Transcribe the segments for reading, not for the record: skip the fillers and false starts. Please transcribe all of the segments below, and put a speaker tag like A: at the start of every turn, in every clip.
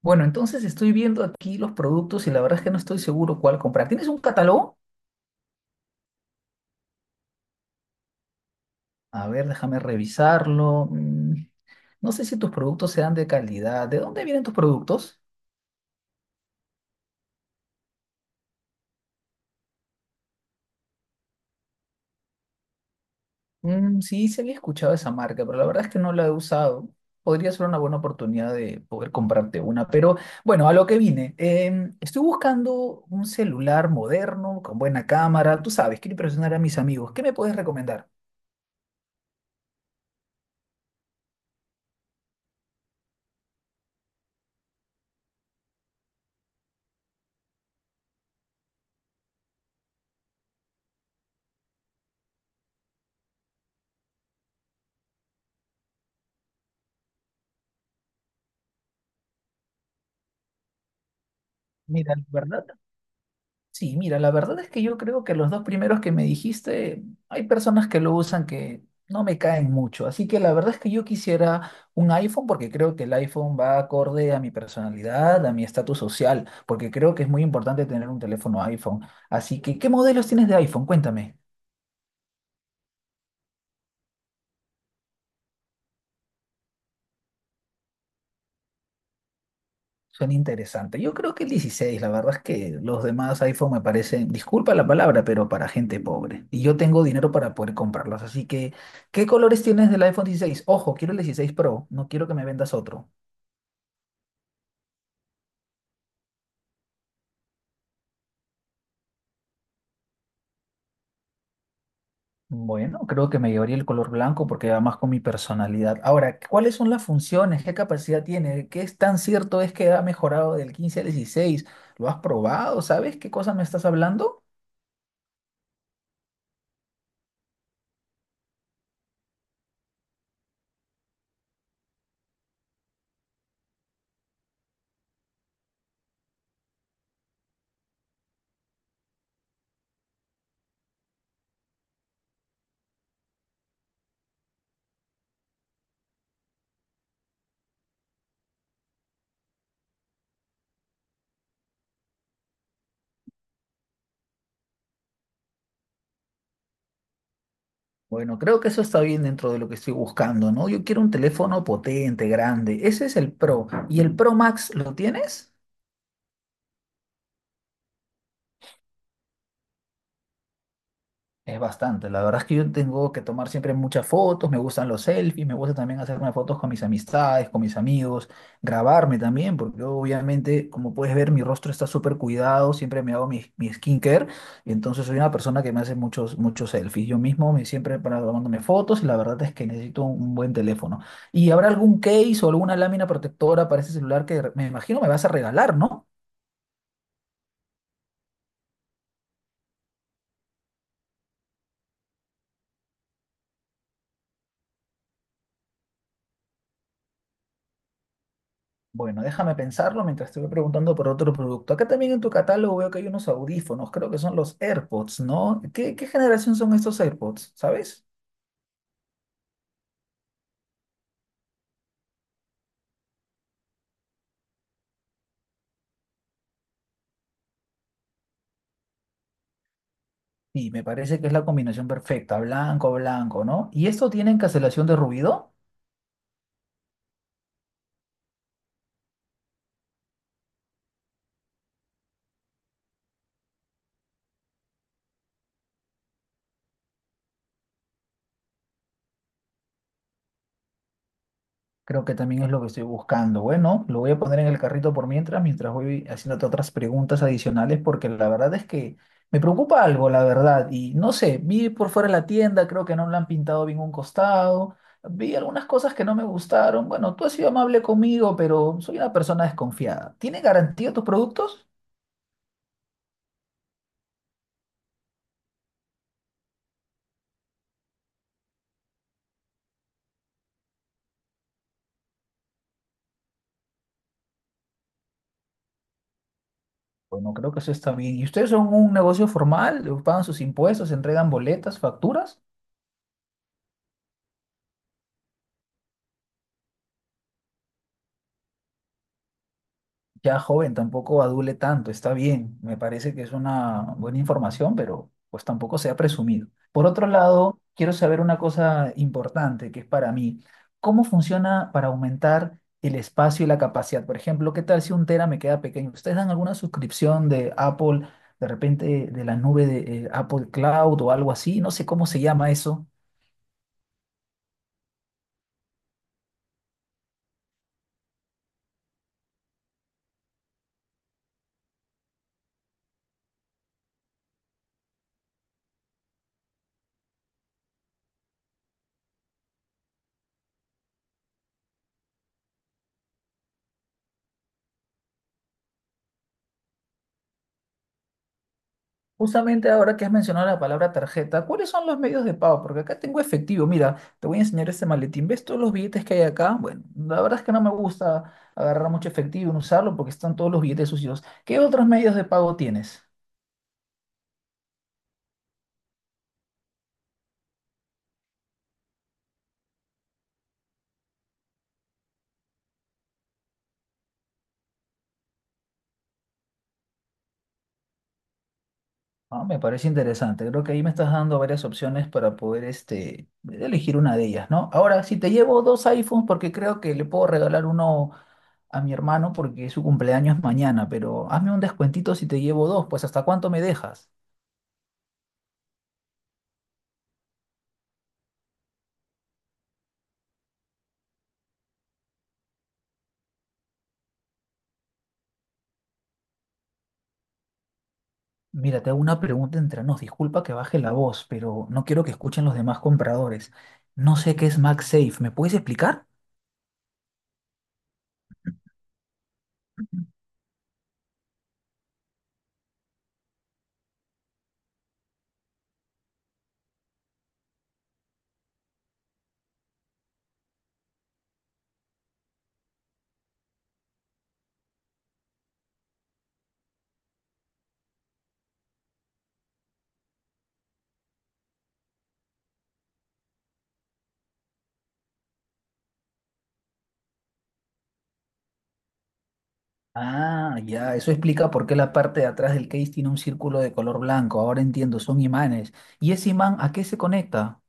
A: Bueno, entonces estoy viendo aquí los productos y la verdad es que no estoy seguro cuál comprar. ¿Tienes un catálogo? A ver, déjame revisarlo. No sé si tus productos sean de calidad. ¿De dónde vienen tus productos? Mm, sí, se había escuchado esa marca, pero la verdad es que no la he usado. Podría ser una buena oportunidad de poder comprarte una, pero bueno, a lo que vine. Estoy buscando un celular moderno, con buena cámara. Tú sabes, quiero impresionar a mis amigos. ¿Qué me puedes recomendar? Mira, la verdad Sí, mira, la verdad es que yo creo que los dos primeros que me dijiste, hay personas que lo usan que no me caen mucho. Así que la verdad es que yo quisiera un iPhone porque creo que el iPhone va acorde a mi personalidad, a mi estatus social, porque creo que es muy importante tener un teléfono iPhone. Así que, ¿qué modelos tienes de iPhone? Cuéntame. Suena interesante. Yo creo que el 16, la verdad es que los demás iPhone me parecen, disculpa la palabra, pero para gente pobre. Y yo tengo dinero para poder comprarlos. Así que, ¿qué colores tienes del iPhone 16? Ojo, quiero el 16 Pro, no quiero que me vendas otro. Bueno, creo que me llevaría el color blanco porque va más con mi personalidad. Ahora, ¿cuáles son las funciones? ¿Qué capacidad tiene? ¿Qué es tan cierto es que ha mejorado del 15 al 16? ¿Lo has probado? ¿Sabes qué cosa me estás hablando? Bueno, creo que eso está bien dentro de lo que estoy buscando, ¿no? Yo quiero un teléfono potente, grande. Ese es el Pro. ¿Y el Pro Max lo tienes? Es bastante. La verdad es que yo tengo que tomar siempre muchas fotos, me gustan los selfies, me gusta también hacerme fotos con mis amistades, con mis amigos, grabarme también, porque obviamente, como puedes ver, mi rostro está súper cuidado, siempre me hago mi skincare, y entonces soy una persona que me hace muchos, muchos selfies. Yo mismo me siempre para tomándome fotos y la verdad es que necesito un buen teléfono. ¿Y habrá algún case o alguna lámina protectora para ese celular que me imagino me vas a regalar, no? Bueno, déjame pensarlo mientras te voy preguntando por otro producto. Acá también en tu catálogo veo que hay unos audífonos, creo que son los AirPods, ¿no? ¿¿Qué generación son estos AirPods? ¿Sabes? Y me parece que es la combinación perfecta, blanco, blanco, ¿no? ¿Y esto tienen cancelación de ruido? Creo que también es lo que estoy buscando. Bueno, lo voy a poner en el carrito por mientras, mientras voy haciéndote otras preguntas adicionales, porque la verdad es que me preocupa algo, la verdad. Y no sé, vi por fuera la tienda, creo que no la han pintado bien un costado, vi algunas cosas que no me gustaron. Bueno, tú has sido amable conmigo, pero soy una persona desconfiada. ¿Tiene garantía tus productos? Bueno, creo que eso está bien. ¿Y ustedes son un negocio formal? ¿Pagan sus impuestos? ¿Entregan boletas, facturas? Ya joven, tampoco adule tanto, está bien. Me parece que es una buena información, pero pues tampoco sea presumido. Por otro lado, quiero saber una cosa importante que es para mí. ¿Cómo funciona para aumentar el espacio y la capacidad? Por ejemplo, ¿qué tal si un tera me queda pequeño? ¿Ustedes dan alguna suscripción de Apple, de repente de la nube de Apple Cloud o algo así? No sé cómo se llama eso. Justamente ahora que has mencionado la palabra tarjeta, ¿cuáles son los medios de pago? Porque acá tengo efectivo. Mira, te voy a enseñar este maletín. ¿Ves todos los billetes que hay acá? Bueno, la verdad es que no me gusta agarrar mucho efectivo y no usarlo porque están todos los billetes sucios. ¿Qué otros medios de pago tienes? Ah, me parece interesante. Creo que ahí me estás dando varias opciones para poder elegir una de ellas, ¿no? Ahora, si te llevo dos iPhones, porque creo que le puedo regalar uno a mi hermano porque su cumpleaños es mañana, pero hazme un descuentito si te llevo dos, pues ¿hasta cuánto me dejas? Mira, te hago una pregunta entre nos. Disculpa que baje la voz, pero no quiero que escuchen los demás compradores. No sé qué es MagSafe. ¿Me puedes explicar? Ah, ya, eso explica por qué la parte de atrás del case tiene un círculo de color blanco. Ahora entiendo, son imanes. ¿Y ese imán a qué se conecta?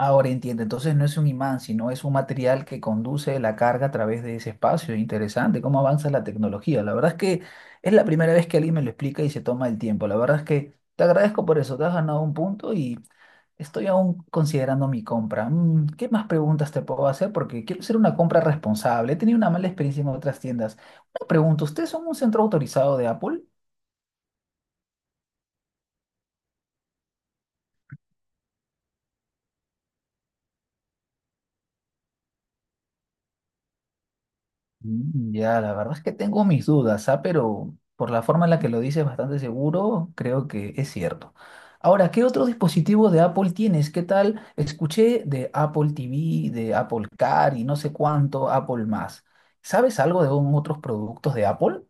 A: Ahora entiendo, entonces no es un imán, sino es un material que conduce la carga a través de ese espacio. Interesante, cómo avanza la tecnología. La verdad es que es la primera vez que alguien me lo explica y se toma el tiempo. La verdad es que te agradezco por eso, te has ganado un punto y estoy aún considerando mi compra. ¿Qué más preguntas te puedo hacer? Porque quiero hacer una compra responsable. He tenido una mala experiencia en otras tiendas. Una pregunta, ¿ustedes son un centro autorizado de Apple? Mm, ya, la verdad es que tengo mis dudas, ¿ah? Pero por la forma en la que lo dices bastante seguro, creo que es cierto. Ahora, ¿qué otro dispositivo de Apple tienes? ¿Qué tal? Escuché de Apple TV, de Apple Car y no sé cuánto, Apple más. ¿Sabes algo de otros productos de Apple?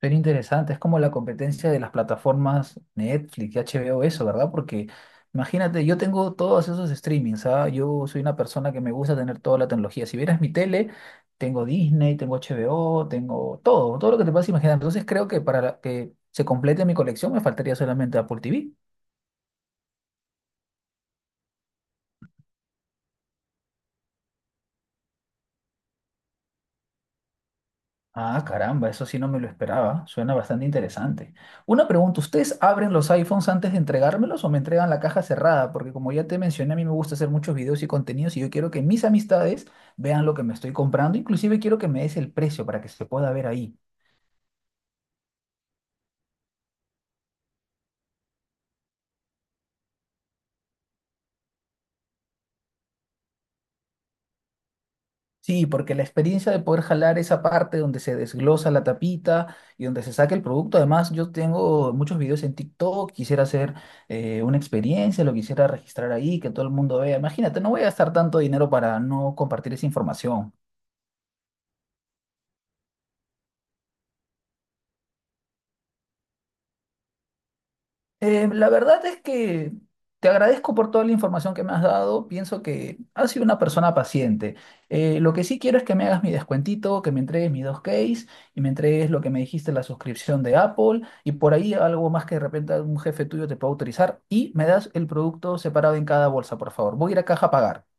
A: Pero interesante, es como la competencia de las plataformas Netflix y HBO, eso, ¿verdad? Porque imagínate, yo tengo todos esos streamings, ¿ah? Yo soy una persona que me gusta tener toda la tecnología. Si vieras mi tele, tengo Disney, tengo HBO, tengo todo, todo lo que te puedas imaginar. Entonces creo que que se complete mi colección me faltaría solamente Apple TV. Ah, caramba, eso sí no me lo esperaba. Suena bastante interesante. Una pregunta, ¿ustedes abren los iPhones antes de entregármelos o me entregan la caja cerrada? Porque como ya te mencioné, a mí me gusta hacer muchos videos y contenidos y yo quiero que mis amistades vean lo que me estoy comprando. Inclusive quiero que me des el precio para que se pueda ver ahí. Sí, porque la experiencia de poder jalar esa parte donde se desglosa la tapita y donde se saca el producto. Además, yo tengo muchos videos en TikTok, quisiera hacer una experiencia, lo quisiera registrar ahí, que todo el mundo vea. Imagínate, no voy a gastar tanto dinero para no compartir esa información. La verdad es que te agradezco por toda la información que me has dado. Pienso que has sido una persona paciente. Lo que sí quiero es que me hagas mi descuentito, que me entregues mis dos case y me entregues lo que me dijiste, la suscripción de Apple y por ahí algo más que de repente un jefe tuyo te pueda autorizar y me das el producto separado en cada bolsa, por favor. Voy a ir a caja a pagar.